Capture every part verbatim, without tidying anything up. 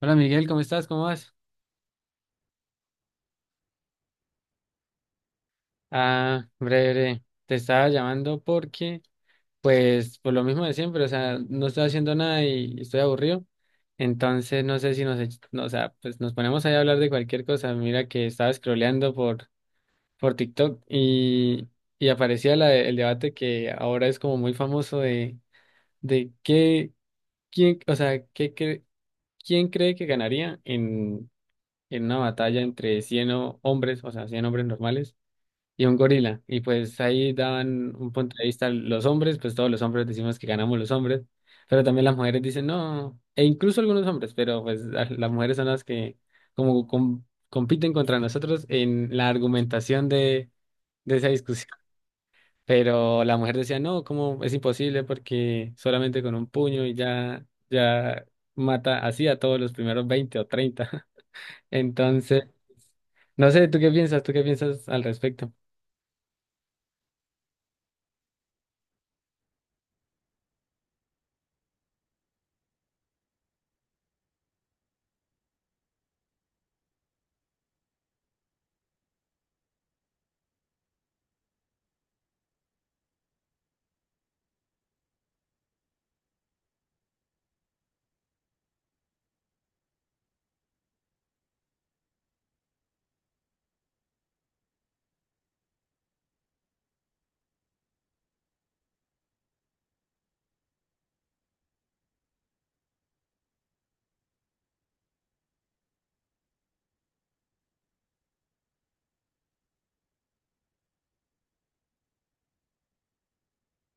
Hola, Miguel, ¿cómo estás? ¿Cómo vas? Ah, breve. Te estaba llamando porque, pues, por lo mismo de siempre, o sea, no estoy haciendo nada y estoy aburrido. Entonces, no sé si nos, ech- no, o sea, pues nos ponemos ahí a hablar de cualquier cosa. Mira que estaba scrolleando por, por TikTok, y, y aparecía la de- el debate que ahora es como muy famoso de, de qué, quién, o sea, qué, cre- quién cree que ganaría en, en una batalla entre cien o- hombres, o sea, cien hombres normales y un gorila. Y pues ahí daban un punto de vista los hombres, pues todos los hombres decimos que ganamos los hombres, pero también las mujeres dicen no, e incluso algunos hombres, pero pues la- las mujeres son las que como com- compiten contra nosotros en la argumentación de, de esa discusión. Pero la mujer decía no, como es imposible, porque solamente con un puño y ya, ya mata así a todos los primeros veinte o treinta. Entonces, no sé, ¿tú qué piensas? ¿Tú qué piensas al respecto?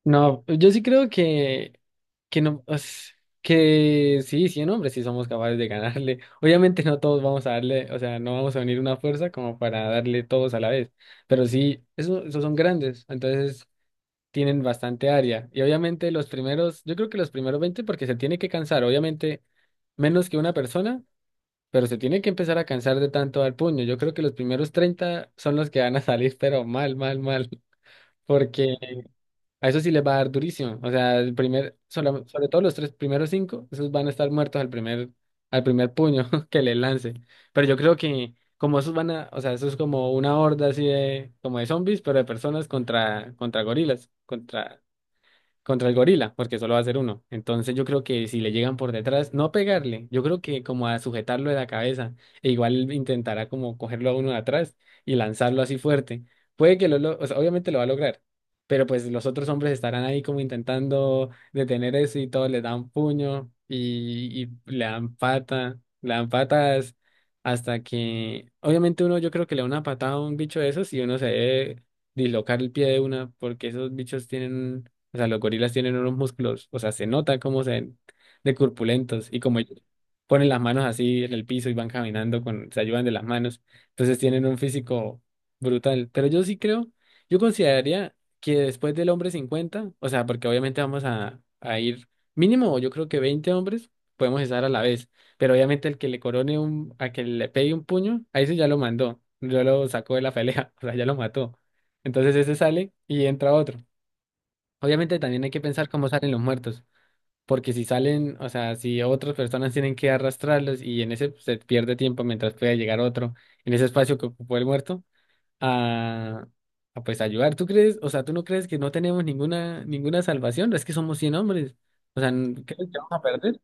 No, yo sí creo que, que no, es- que sí, cien hombres sí somos capaces de ganarle. Obviamente no todos vamos a darle, o sea, no vamos a unir una fuerza como para darle todos a la vez, pero sí, eso, esos son grandes, entonces tienen bastante área. Y obviamente los primeros, yo creo que los primeros veinte, porque se tiene que cansar, obviamente menos que una persona, pero se tiene que empezar a cansar de tanto al puño. Yo creo que los primeros treinta son los que van a salir, pero mal, mal, mal, porque... A eso sí les va a dar durísimo. O sea, el primer, sobre, sobre todo los tres primeros cinco, esos van a estar muertos al primer, al primer puño que les lance. Pero yo creo que como esos van a, o sea, eso es como una horda así de, como de zombies, pero de personas contra, contra gorilas, contra contra el gorila, porque solo va a ser uno. Entonces yo creo que si le llegan por detrás, no pegarle, yo creo que como a sujetarlo de la cabeza, e igual intentará como cogerlo a uno de atrás y lanzarlo así fuerte. Puede que lo, lo- o sea, obviamente lo va a lograr, pero pues los otros hombres estarán ahí como intentando detener eso y todos le dan puño y, y le dan pata, le dan patas hasta que, obviamente, uno, yo creo que le da una patada a un bicho de esos y uno se debe dislocar el pie de una, porque esos bichos tienen, o sea, los gorilas tienen unos músculos, o sea, se nota cómo se ven de corpulentos, y como ellos ponen las manos así en el piso y van caminando con, se ayudan de las manos. Entonces tienen un físico brutal. Pero yo sí creo, yo consideraría que después del hombre cincuenta, o sea, porque obviamente vamos a, a ir mínimo, yo creo que veinte hombres podemos estar a la vez. Pero obviamente el que le corone un, a que le pegue un puño, a ese ya lo mandó, ya lo sacó de la pelea, o sea, ya lo mató. Entonces ese sale y entra otro. Obviamente también hay que pensar cómo salen los muertos, porque si salen, o sea, si otras personas tienen que arrastrarlos, y en ese pues, se pierde tiempo mientras pueda llegar otro en ese espacio que ocupó el muerto a, a, pues ayudar. ¿Tú crees, o sea, tú no crees que no tenemos ninguna ninguna salvación? Es que somos cien hombres. O sea, ¿n- ¿crees que vamos a perder?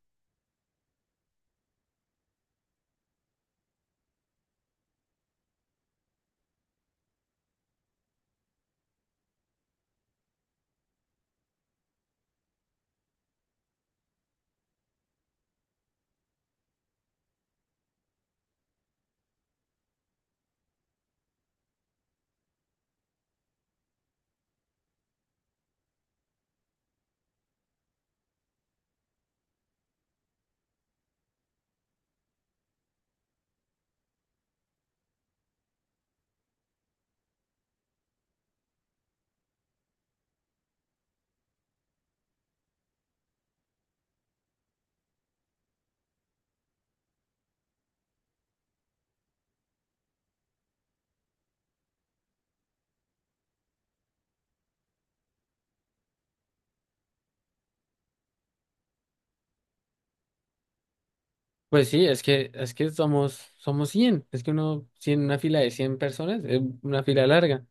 Pues sí, es que es que somos somos cien, es que uno, cien, una fila de cien personas es una fila larga.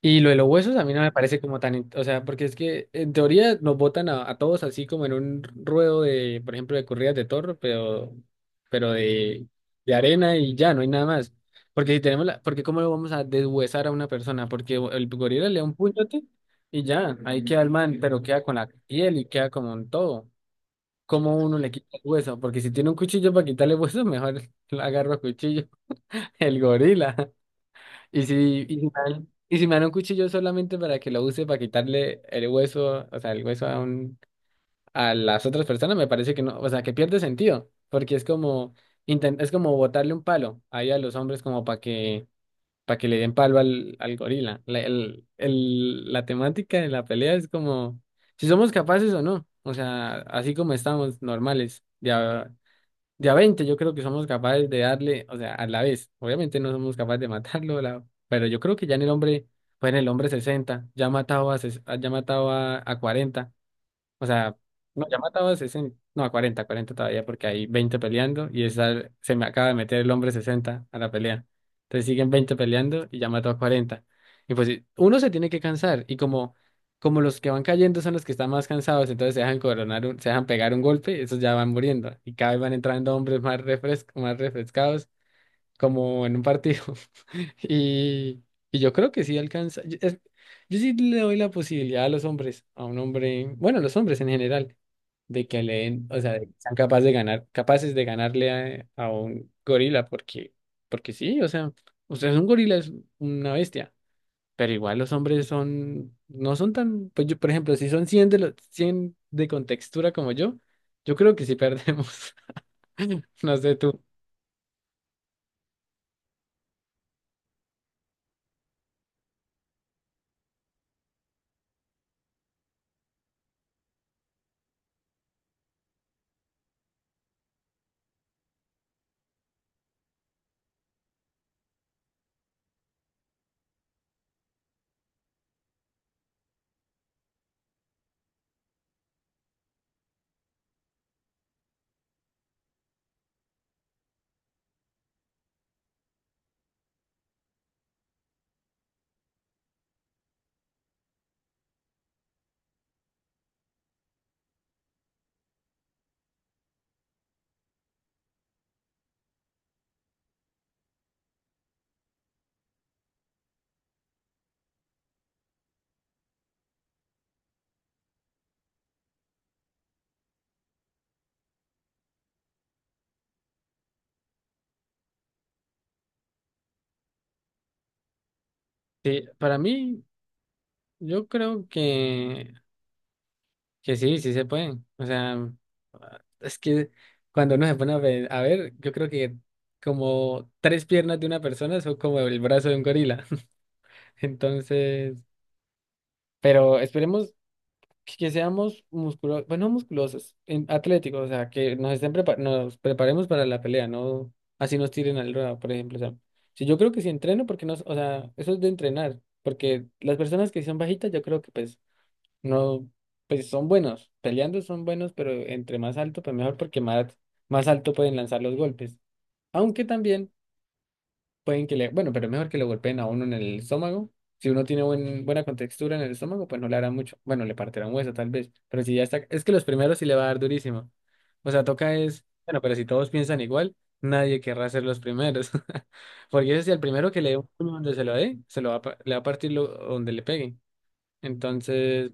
Y lo de los huesos a mí no me parece como tan, in- o sea, porque es que en teoría nos botan a, a todos, así como en un ruedo de, por ejemplo, de corridas de toro, pero, pero, de, de arena y ya, no hay nada más. Porque si tenemos la, porque cómo lo vamos a deshuesar a una persona, porque el gorila le da un puñote y ya, ahí queda el man, pero queda con la piel y queda como un todo. ¿Cómo uno le quita el hueso? Porque si tiene un cuchillo para quitarle hueso, mejor lo agarro a cuchillo, el gorila. Y si, y si me dan, y si me dan un cuchillo solamente para que lo use para quitarle el hueso, o sea, el hueso a un, a las otras personas, me parece que no, o sea, que pierde sentido, porque es como, inten- es como botarle un palo ahí a los hombres como para que, para que le den palo al, al gorila. La, el, el- la temática de la pelea es como, si somos capaces o no, o sea, así como estamos normales, de, de a veinte yo creo que somos capaces de darle, o sea, a la vez. Obviamente no somos capaces de matarlo, la- pero yo creo que ya en el hombre, pues en el hombre sesenta ya ha matado a, ses- ya ha matado a, a cuarenta, o sea, no, Yamata sesenta no, a cuarenta cuarenta todavía, porque hay veinte peleando y esa, se me acaba de meter el hombre sesenta a la pelea. Entonces siguen veinte peleando y Yamato a cuarenta. Y pues sí, uno se tiene que cansar y como, como los que van cayendo son los que están más cansados, entonces se dejan coronar, un- se dejan pegar un golpe, esos ya van muriendo y cada vez van entrando hombres más refrescos, más refrescados, como en un partido. Y, y yo creo que sí alcanza. Yo, es- yo sí le doy la posibilidad a los hombres, a un hombre, bueno, a los hombres en general, de que le den, o sea, de que sean capaces de ganar, capaces de ganarle a, a un gorila, porque, porque sí, o sea, usted es un gorila, es una bestia. Pero igual los hombres son, no son tan, pues yo, por ejemplo, si son cien de los cien de contextura como yo, yo creo que sí perdemos. No sé tú. Sí, para mí. Yo creo que, que sí, sí se puede. O sea, es que cuando uno se pone a ver, a ver, yo creo que como tres piernas de una persona son como el brazo de un gorila. Entonces, pero esperemos que, que seamos musculosos, bueno, no musculosos, en- atléticos, o sea, que nos estén prepa- nos preparemos para la pelea, no así nos tiren al ruedo, por ejemplo. O sea, si yo creo que si entreno, porque no, o sea, eso es de entrenar, porque las personas que son bajitas, yo creo que pues no, pues son buenos, peleando son buenos, pero entre más alto, pues mejor, porque más, más alto pueden lanzar los golpes. Aunque también pueden que le, bueno, pero es mejor que le golpeen a uno en el estómago. Si uno tiene buen, buena contextura en el estómago, pues no le hará mucho. Bueno, le partirá un hueso tal vez, pero si ya está, es que los primeros sí le va a dar durísimo. O sea, toca es, bueno, pero si todos piensan igual, nadie querrá ser los primeros. Porque ese es el primero que le dé un puño, donde se lo dé, se lo va, a pa- le va a partir lo- donde le pegue. Entonces...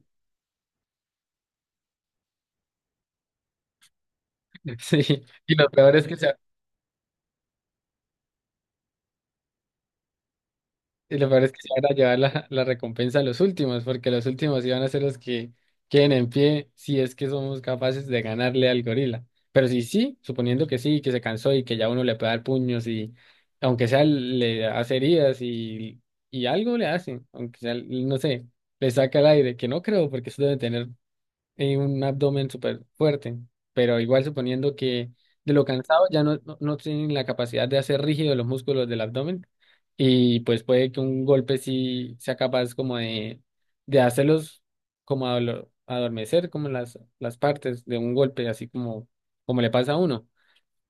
Sí, y lo peor es que se, y lo peor es que se van a llevar la, la recompensa a los últimos, porque los últimos iban a ser los que queden en pie si es que somos capaces de ganarle al gorila. Pero si sí, suponiendo que sí, que se cansó y que ya uno le puede dar puños y aunque sea le hace heridas y, y algo le hacen, aunque sea, no sé, le saca el aire, que no creo, porque eso debe tener eh, un abdomen súper fuerte, pero igual suponiendo que de lo cansado ya no, no, no tienen la capacidad de hacer rígidos los músculos del abdomen, y pues puede que un golpe sí sea capaz como de, de hacerlos como adolo- adormecer como las, las partes de un golpe, así como, como le pasa a uno.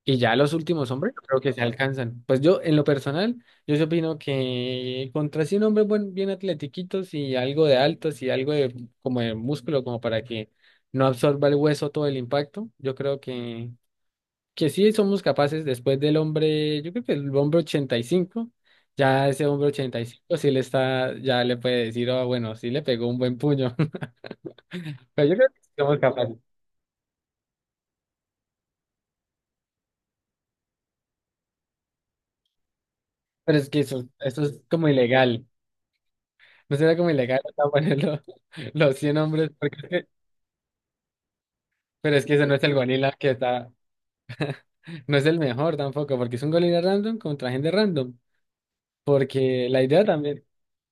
Y ya los últimos hombres creo que se alcanzan. Pues yo, en lo personal, yo sí opino que contra cien hombres buen- bien atletiquitos y algo de altos y algo de como de músculo, como para que no absorba el hueso todo el impacto, yo creo que, que sí somos capaces después del hombre, yo creo que el hombre ochenta y cinco, ya ese hombre ochenta y cinco sí le está, ya le puede decir, oh, bueno, sí le pegó un buen puño. Pero yo creo que sí somos capaces. Pero es que eso, eso es como ilegal. No sería como ilegal acá ponerlo los cien hombres, porque es que- pero es que ese no es el gorila que está, no es el mejor tampoco, porque es un gorila random contra gente random, porque la idea también,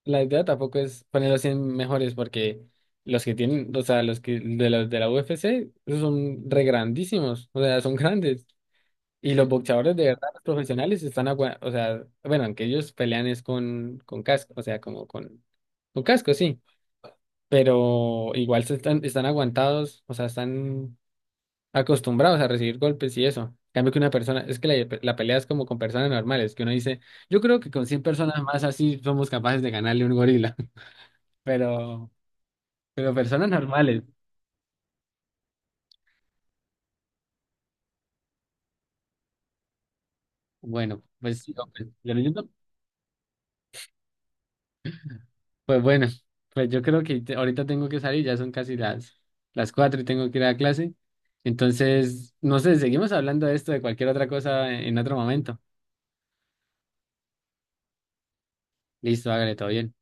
la idea tampoco es poner los cien mejores, porque los que tienen, o sea, los que de los de la U F C, esos son re grandísimos, o sea, son grandes, y los boxeadores de verdad, los profesionales están, agua- o sea, bueno, aunque ellos pelean es con, con casco, o sea, como con, con casco, sí, pero igual se están, están aguantados, o sea, están acostumbrados a recibir golpes y eso. En cambio que una persona, es que la, la pelea es como con personas normales, que uno dice, yo creo que con cien personas más así somos capaces de ganarle a un gorila, pero, pero personas normales, bueno, pues sí, hombre, yo lo intento. Pues bueno, pues yo creo que te- ahorita tengo que salir, ya son casi las, las cuatro y tengo que ir a clase. Entonces, no sé, seguimos hablando de esto, de cualquier otra cosa en en otro momento. Listo, hágale, todo bien.